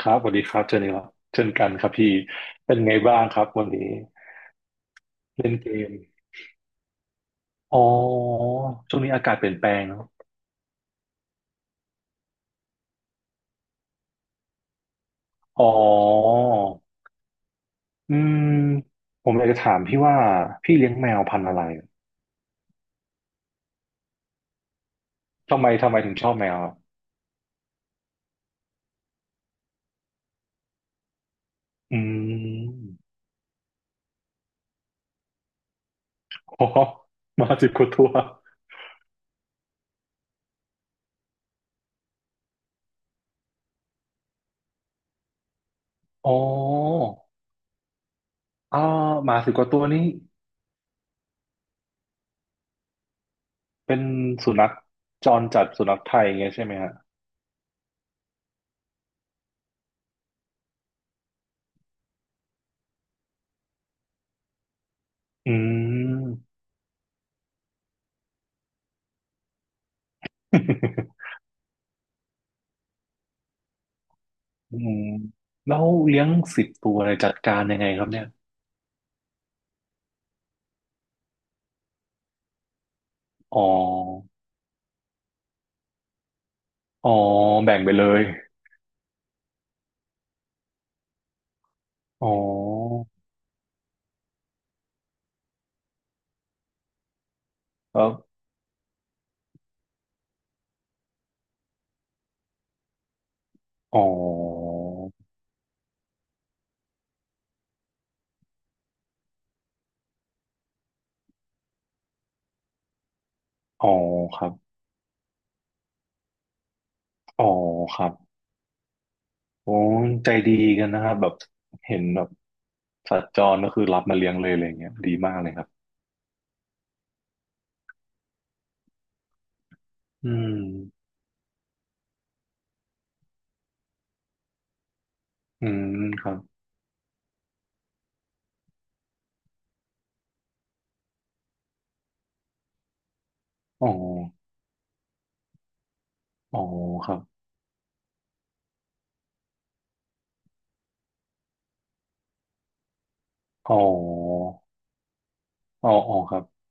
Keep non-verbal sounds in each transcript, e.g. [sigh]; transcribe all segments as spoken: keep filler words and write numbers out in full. ครับสวัสดีครับเจอนี่ครับเช่นกันครับพี่เป็นไงบ้างครับวันนี้เล่นเกมอ๋อช่วงนี้อากาศเปลี่ยนแปลงเนอะอ๋ออืมผมอยากจะถามพี่ว่าพี่เลี้ยงแมวพันธุ์อะไรทำไมทำไมถึงชอบแมวอะอืมอ๋อมาสิบกว่าตัวอ๋ออ่าหมาสิบกว่าตัวนี้เป็นสุนัขจรจัดสุนัขไทยอย่างเงี้ยใช่ไหมฮะอืม [laughs] อืมแล้วเลี้ยงสิบตัวเลยจัดการยังไงครับเนี่ยอ๋ออ๋อแบ่งไปเลยอ๋อแล้วอ๋ออ๋อครับอ๋อครับโอ้ใจดีกันนะครับแบบเห็นแบบสัตว์จรก็คือรับมาเลี้ยงเลยอะไรเงี้ยดีมากเลยครับอืมอืมครับอ๋ออ๋อครับอ๋ออ๋ออ๋อครับ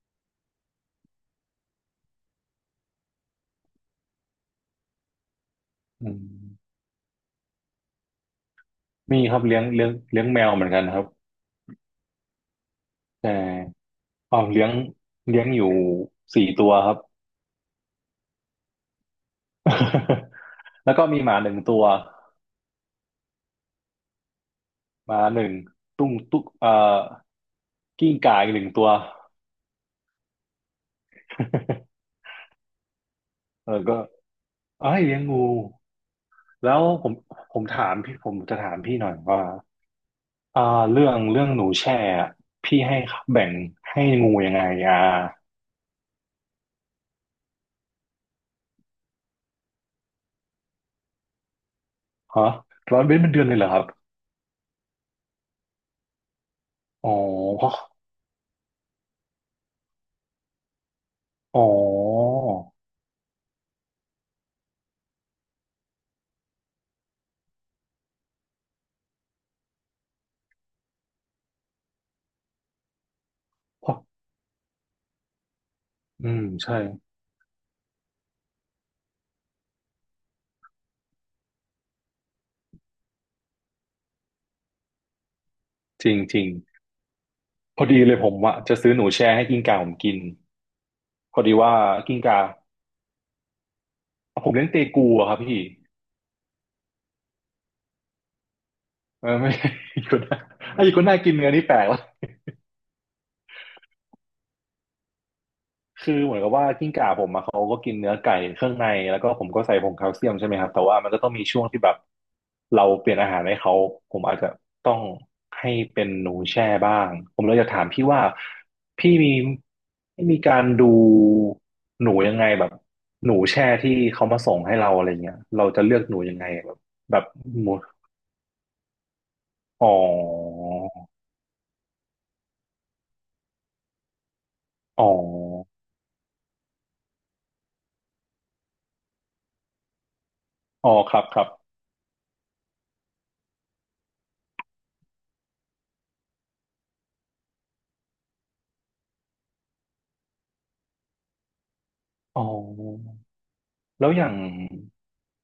อืมมีครับเลี้ยงเลี้ยงเลี้ยงแมวเหมือนกันครับใช่ อ๋อเลี้ยงเลี้ยงอยู่สี่ตัวครับ [laughs] แล้วก็มีหมาหนึ่งตัวหมาหนึ่งตุ้งตุ๊กเอ่อกิ้งก่าอีกหนึ่งตัว [laughs] เออก็เอ้ยเลี้ยงงูแล้วผมผมถามพี่ผมจะถามพี่หน่อยว่าอ่าเรื่องเรื่องหนูแช่อะพี่ให้แบ่งให้งูยังไงอ่าฮะร้อยเว้นเป็นเดือนเลยเหรอครับอ๋อเพราะอ๋อเพราะอืมใช่จริงจริง พอดีเลยผมอะจะซื้อหนูแช่ให้กิ้งก่าผมกินพอดีว่ากิ้งก่าผมเลี้ยงเตกูอะครับพี่เออไม่ [laughs] ใช่อีกัวน่าไอ้อีกัวน่ากินเนื้อนี่แปลกวะ คือเหมือนกับว่ากิ้งก่าผมอะเขาก็กินเนื้อไก่เครื่องในแล้วก็ผมก็ใส่ผงแคลเซียมใช่ไหมครับแต่ว่ามันก็ต้องมีช่วงที่แบบเราเปลี่ยนอาหารให้เขาผมอาจจะต้องให้เป็นหนูแช่บ้างผมเลยจะถามพี่ว่าพี่มีพี่มีการดูหนูยังไงแบบหนูแช่ที่เขามาส่งให้เราอะไรเงี้ยเราจะเลือกหนูยังไงแบบแบบหมูอ๋ออ๋ออ๋อครับครับอ๋อ แล้วอย่าง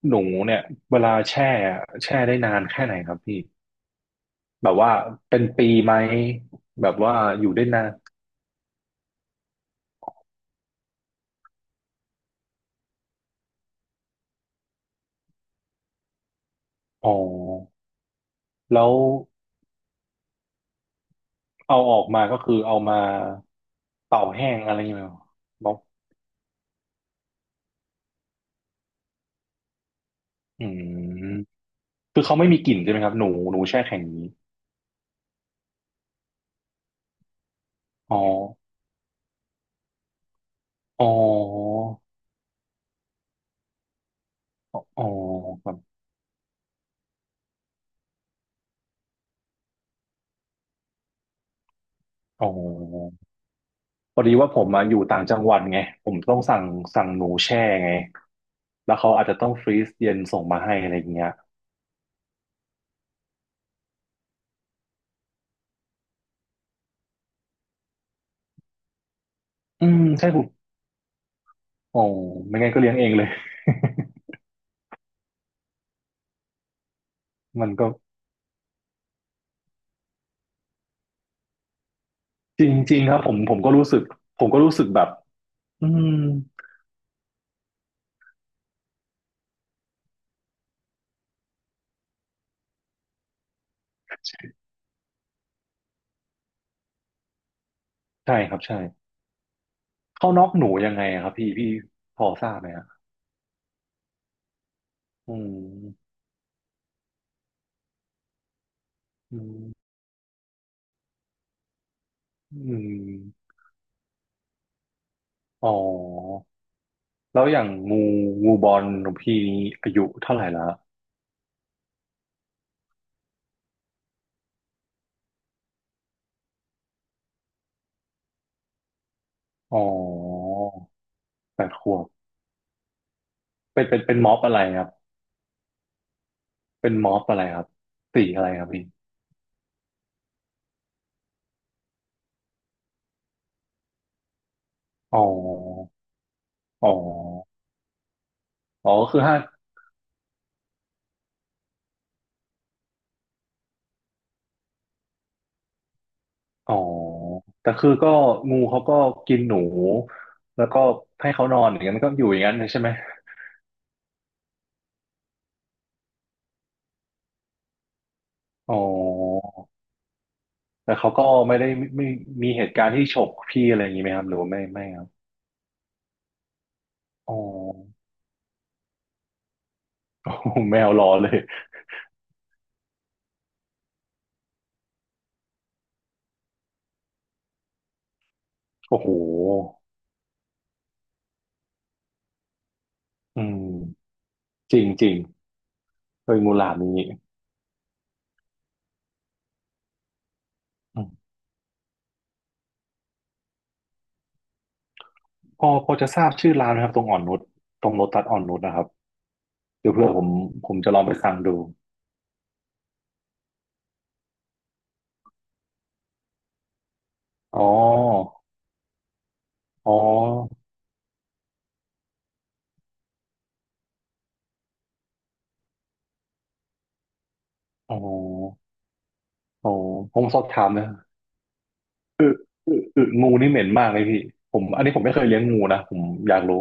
หนูเนี่ยเวลาแช่อะแช่ได้นานแค่ไหนครับพี่แบบว่าเป็นปีไหมแบบว่าอยู่ได้นานอ๋อแล้วเอาออกมาก็คือเอามาเป่าแห้งอะไรอย่างเงี้ยบอกอืมคือเขาไม่มีกลิ่นใช่ไหมครับหนูหนูแช่แข็งอย่างนี้อ๋ออ๋ออ๋อครับอ๋อ พอดีว่าผมมาอยู่ต่างจังหวัดไงผมต้องสั่งสั่งหนูแช่ไงแล้วเขาอาจจะต้องฟรีซเย็นส่งมาให้อะไรอย่างเงี้ยอืมใช่ผมโอ้ไม่งั้นก็เลี้ยงเองเลย [laughs] มันก็จริงๆครับผมผมก็รู้สึกผมก็รู้สึกแบบอืมใช่ครับใช่เขาน็อกหนูยังไงอะครับพี่พี่พอทราบไหมฮะอืมอืมอืมอ๋อแล้วอย่างงูงูบอลหนูพี่อายุเท่าไหร่ละอ๋อแปดขวบเป็นเป็นเป็นม็อบอะไรครับ เป็นม็อบอะไรครับสีอะไรครับพี่อ๋ออ๋ออ๋อก็คือห้าอ๋อแต่คือก็งูเขาก็กินหนูแล้วก็ให้เขานอนอย่างนั้นมันก็อยู่อย่างนั้นเลยใช่ไหมอ๋อแต่เขาก็ไม่ได้ไม่ไม่มีเหตุการณ์ที่ฉกพี่อะไรอย่างนี้ไหมครับหรือว่าไม่ไม่ครับอ๋อ [laughs] แมวรอเลยโอ้โหอืมจริงจริงเคยงูหลามนี้อืมพอพอจะทราบชื่อร้านไหมครับตรงอ่อนนุชตรงโลตัสอ่อนนุชนะครับเดี๋ยวเพื่อผมผมจะลองไปสั่งดู อ๋ออ๋ออ๋อโอ้ผมสอบถามนะอึอึงูนี่เหม็นมากเลยพี่ผมอันนี้ผมไม่เคยเลี้ยงงูนะผมอยากรู้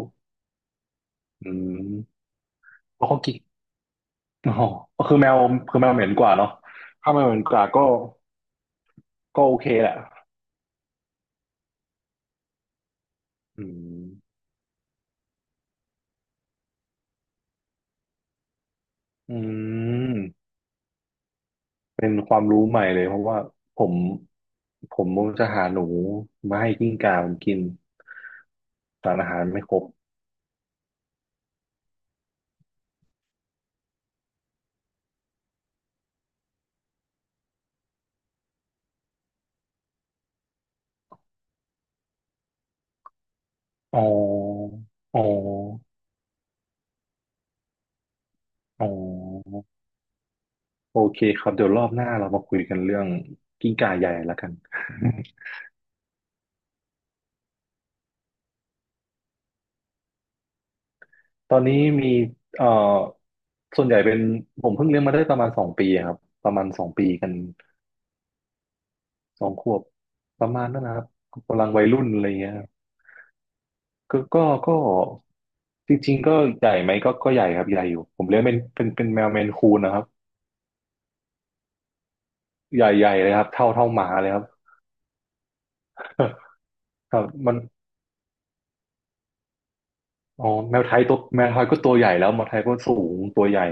อืมเพราะเขากินอ๋อก็คือแมวคือแมวเหม็นกว่าเนาะถ้าแมวเหม็นกว่าก็ ก็โอเคแหละอืมอืมเป็นความรู้ใหม่เลยเพราะว่าผมผมจะหาหนูมาให้กิ้งก่าผมกินสารอาหารไม่ครบ อ๋อ อ๋ออ๋อ โอเคครับเดี๋ยวรอบหน้าเรามาคุยกันเรื่องกิ้งก่าใหญ่ละกัน [laughs] ตอนนี้มีเอ่อส่วนใหญ่เป็นผมเพิ่งเลี้ยงมาได้ประมาณสองปีครับประมาณสองปีกันสองขวบประมาณนั้นนะครับกำลังวัยรุ่นอะไรเงี้ยครับก็ก็ก็จริงๆก็ใหญ่ไหมก็ก็ใหญ่ครับใหญ่อยู่ผมเลี้ยงเป็นเป็นเป็นแมวเมนคูนนะครับใหญ่ใหญ่เลยครับเท่าเท่าหมาเลยครับ [laughs] ครับมันอ๋อแมวไทยตัวแมวไทยก็ตัวใหญ่แล้วแมวไทยก็สูงตัวใหญ่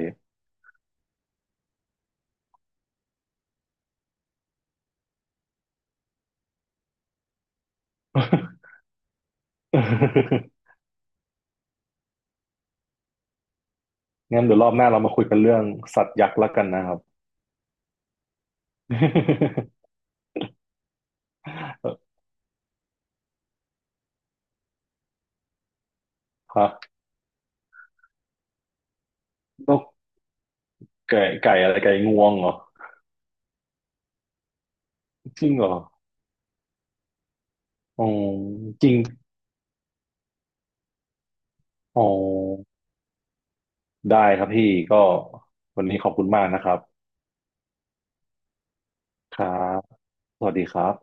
[laughs] งั้นเดี๋ยวรอบหน้าเรามาคุยกันเรื่องสัตว์ยักษ์แล้วกันนะครับ [laughs] ฮะนกไก่ไก่อะไรไก่งวงเหรอ จริงเหรออ๋อจริง อ๋อ ได้ครับพี่ ก็วันนี้ขอบคุณมากนะครับ ครับ สวัสดีครับ